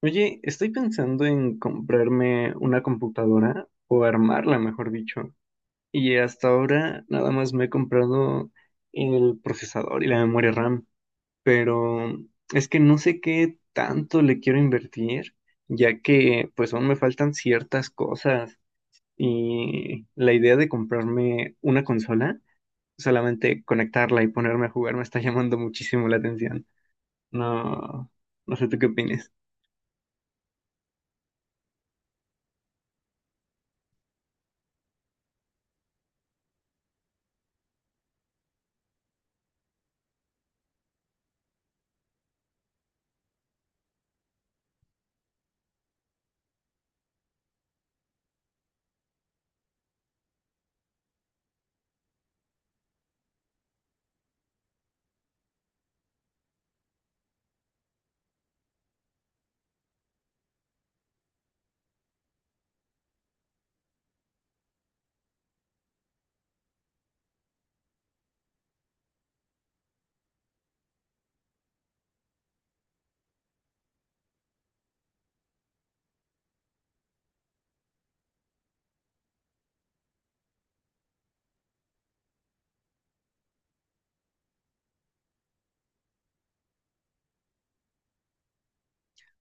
Oye, estoy pensando en comprarme una computadora o armarla, mejor dicho. Y hasta ahora nada más me he comprado el procesador y la memoria RAM, pero es que no sé qué tanto le quiero invertir, ya que pues aún me faltan ciertas cosas. Y la idea de comprarme una consola, solamente conectarla y ponerme a jugar me está llamando muchísimo la atención. No, no sé tú qué opinas.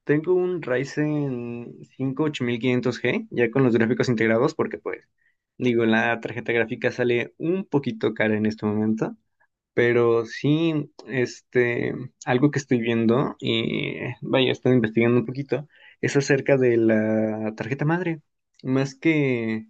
Tengo un Ryzen 5 8500G ya con los gráficos integrados, porque pues, digo, la tarjeta gráfica sale un poquito cara en este momento, pero sí, algo que estoy viendo y vaya, estoy investigando un poquito, es acerca de la tarjeta madre, más que,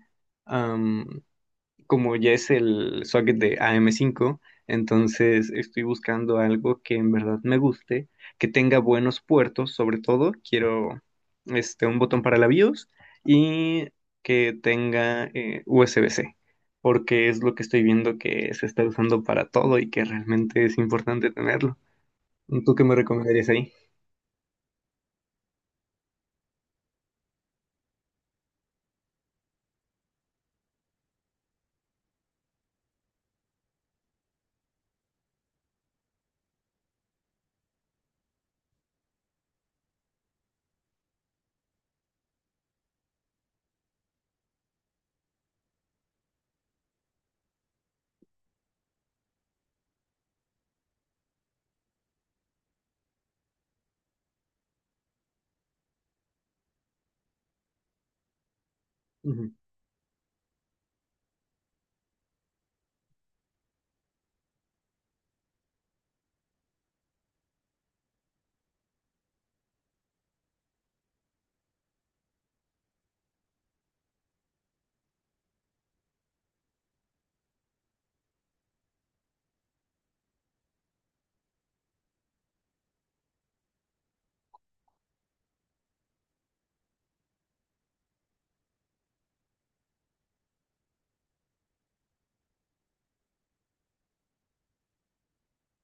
como ya es el socket de AM5, entonces estoy buscando algo que en verdad me guste, que tenga buenos puertos, sobre todo quiero un botón para la BIOS y que tenga USB-C, porque es lo que estoy viendo que se está usando para todo y que realmente es importante tenerlo. ¿Tú qué me recomendarías ahí? Ujú.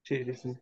Sí, sí, sí.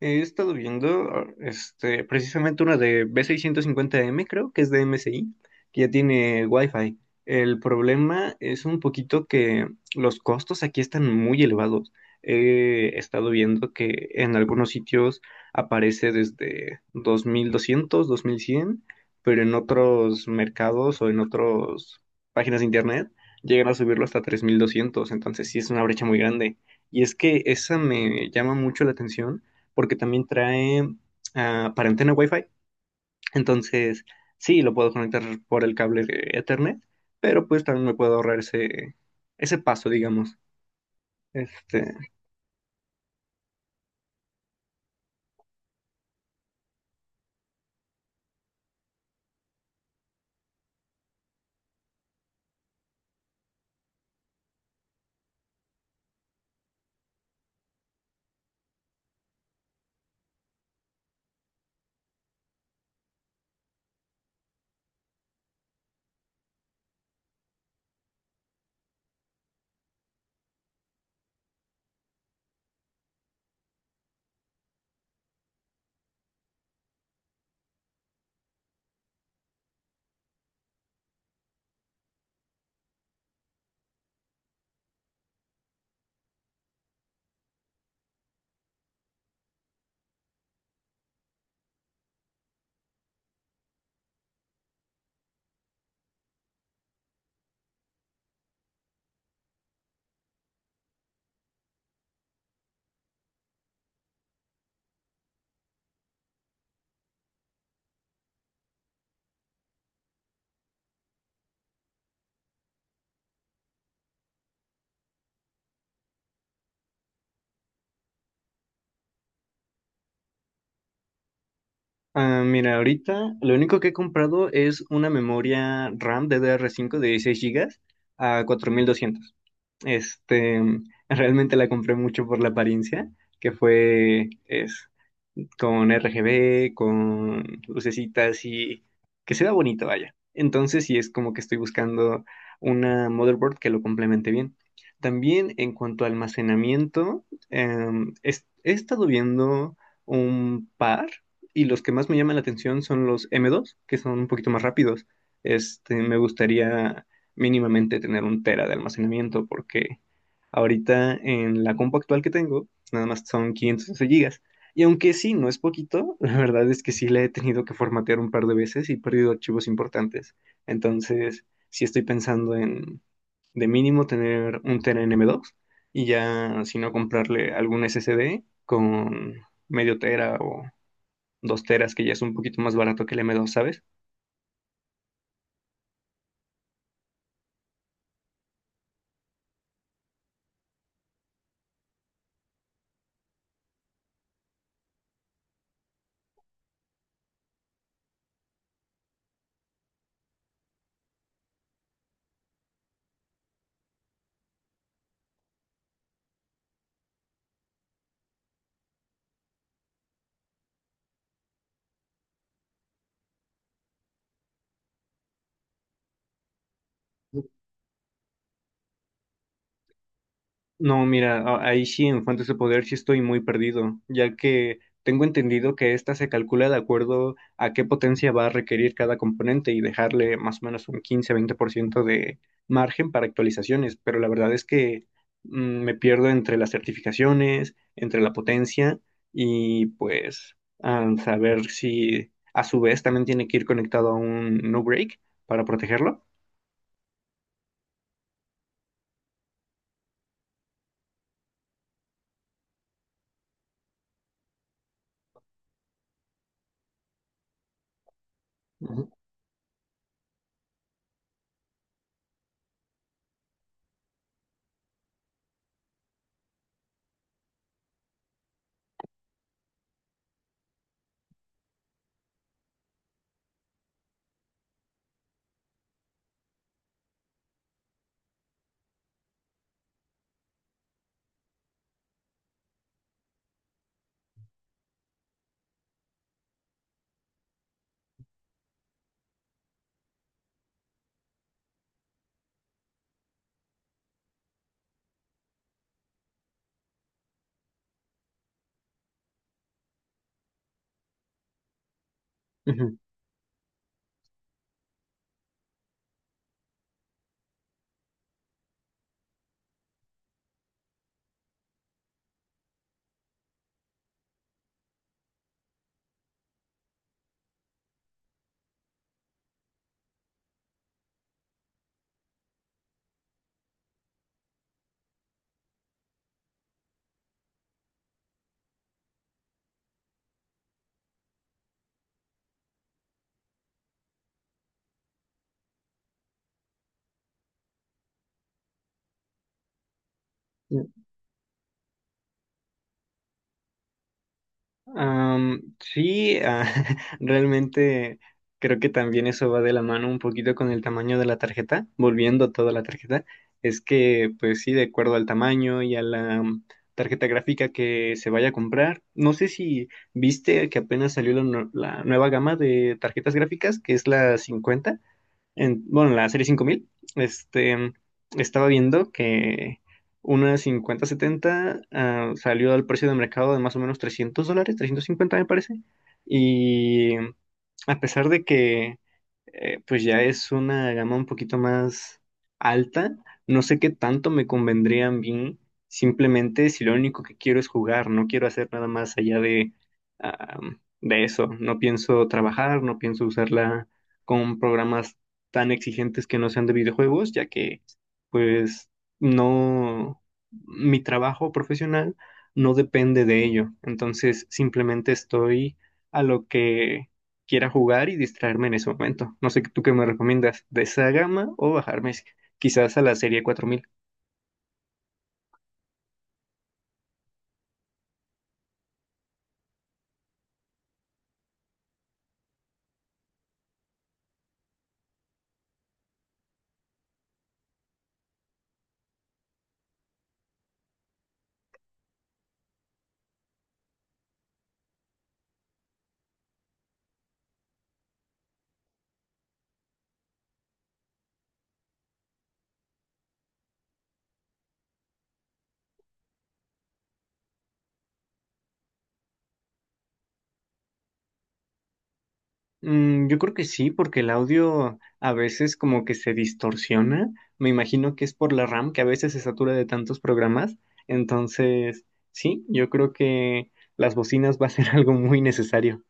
He estado viendo precisamente una de B650M creo que es de MSI, que ya tiene Wi-Fi. El problema es un poquito que los costos aquí están muy elevados. He estado viendo que en algunos sitios aparece desde 2200, 2100, pero en otros mercados o en otras páginas de internet llegan a subirlo hasta 3200. Entonces sí es una brecha muy grande. Y es que esa me llama mucho la atención porque también trae para antena Wi-Fi. Entonces, sí, lo puedo conectar por el cable de Ethernet, pero pues también me puedo ahorrar ese paso, digamos. Este, mira, ahorita lo único que he comprado es una memoria RAM DDR5 de 16 gigas a 4200. Este, realmente la compré mucho por la apariencia, que fue con RGB, con lucecitas y que se vea bonito, vaya. Entonces, sí es como que estoy buscando una motherboard que lo complemente bien. También en cuanto a almacenamiento, he estado viendo un par y los que más me llaman la atención son los M2, que son un poquito más rápidos. Me gustaría mínimamente tener un tera de almacenamiento porque ahorita en la compu actual que tengo, nada más son 512 gigas. Y aunque sí, no es poquito, la verdad es que sí la he tenido que formatear un par de veces y he perdido archivos importantes. Entonces, sí estoy pensando en de mínimo tener un tera en M2 y ya, si no, comprarle algún SSD con medio tera o dos teras, que ya es un poquito más barato que el M2, ¿sabes? No, mira, ahí sí en Fuentes de Poder sí estoy muy perdido, ya que tengo entendido que esta se calcula de acuerdo a qué potencia va a requerir cada componente y dejarle más o menos un 15-20% de margen para actualizaciones, pero la verdad es que mm, me pierdo entre las certificaciones, entre la potencia y pues saber si a su vez también tiene que ir conectado a un no break para protegerlo. Ujú, ujú. Sí, realmente creo que también eso va de la mano un poquito con el tamaño de la tarjeta, volviendo a toda la tarjeta, es que pues sí, de acuerdo al tamaño y a la tarjeta gráfica que se vaya a comprar, no sé si viste que apenas salió la nueva gama de tarjetas gráficas, que es la 50 en, bueno, en la serie 5000 este, estaba viendo que una 5070 salió al precio de mercado de más o menos $300, 350 me parece, y a pesar de que pues ya es una gama un poquito más alta, no sé qué tanto me convendría a mí simplemente si lo único que quiero es jugar, no quiero hacer nada más allá de, ah, de eso, no pienso trabajar, no pienso usarla con programas tan exigentes que no sean de videojuegos, ya que pues no, mi trabajo profesional no depende de ello. Entonces simplemente estoy a lo que quiera jugar y distraerme en ese momento. No sé tú qué me recomiendas, de esa gama o bajarme quizás a la serie 4000. Yo creo que sí, porque el audio a veces como que se distorsiona. Me imagino que es por la RAM que a veces se satura de tantos programas. Entonces, sí, yo creo que las bocinas va a ser algo muy necesario.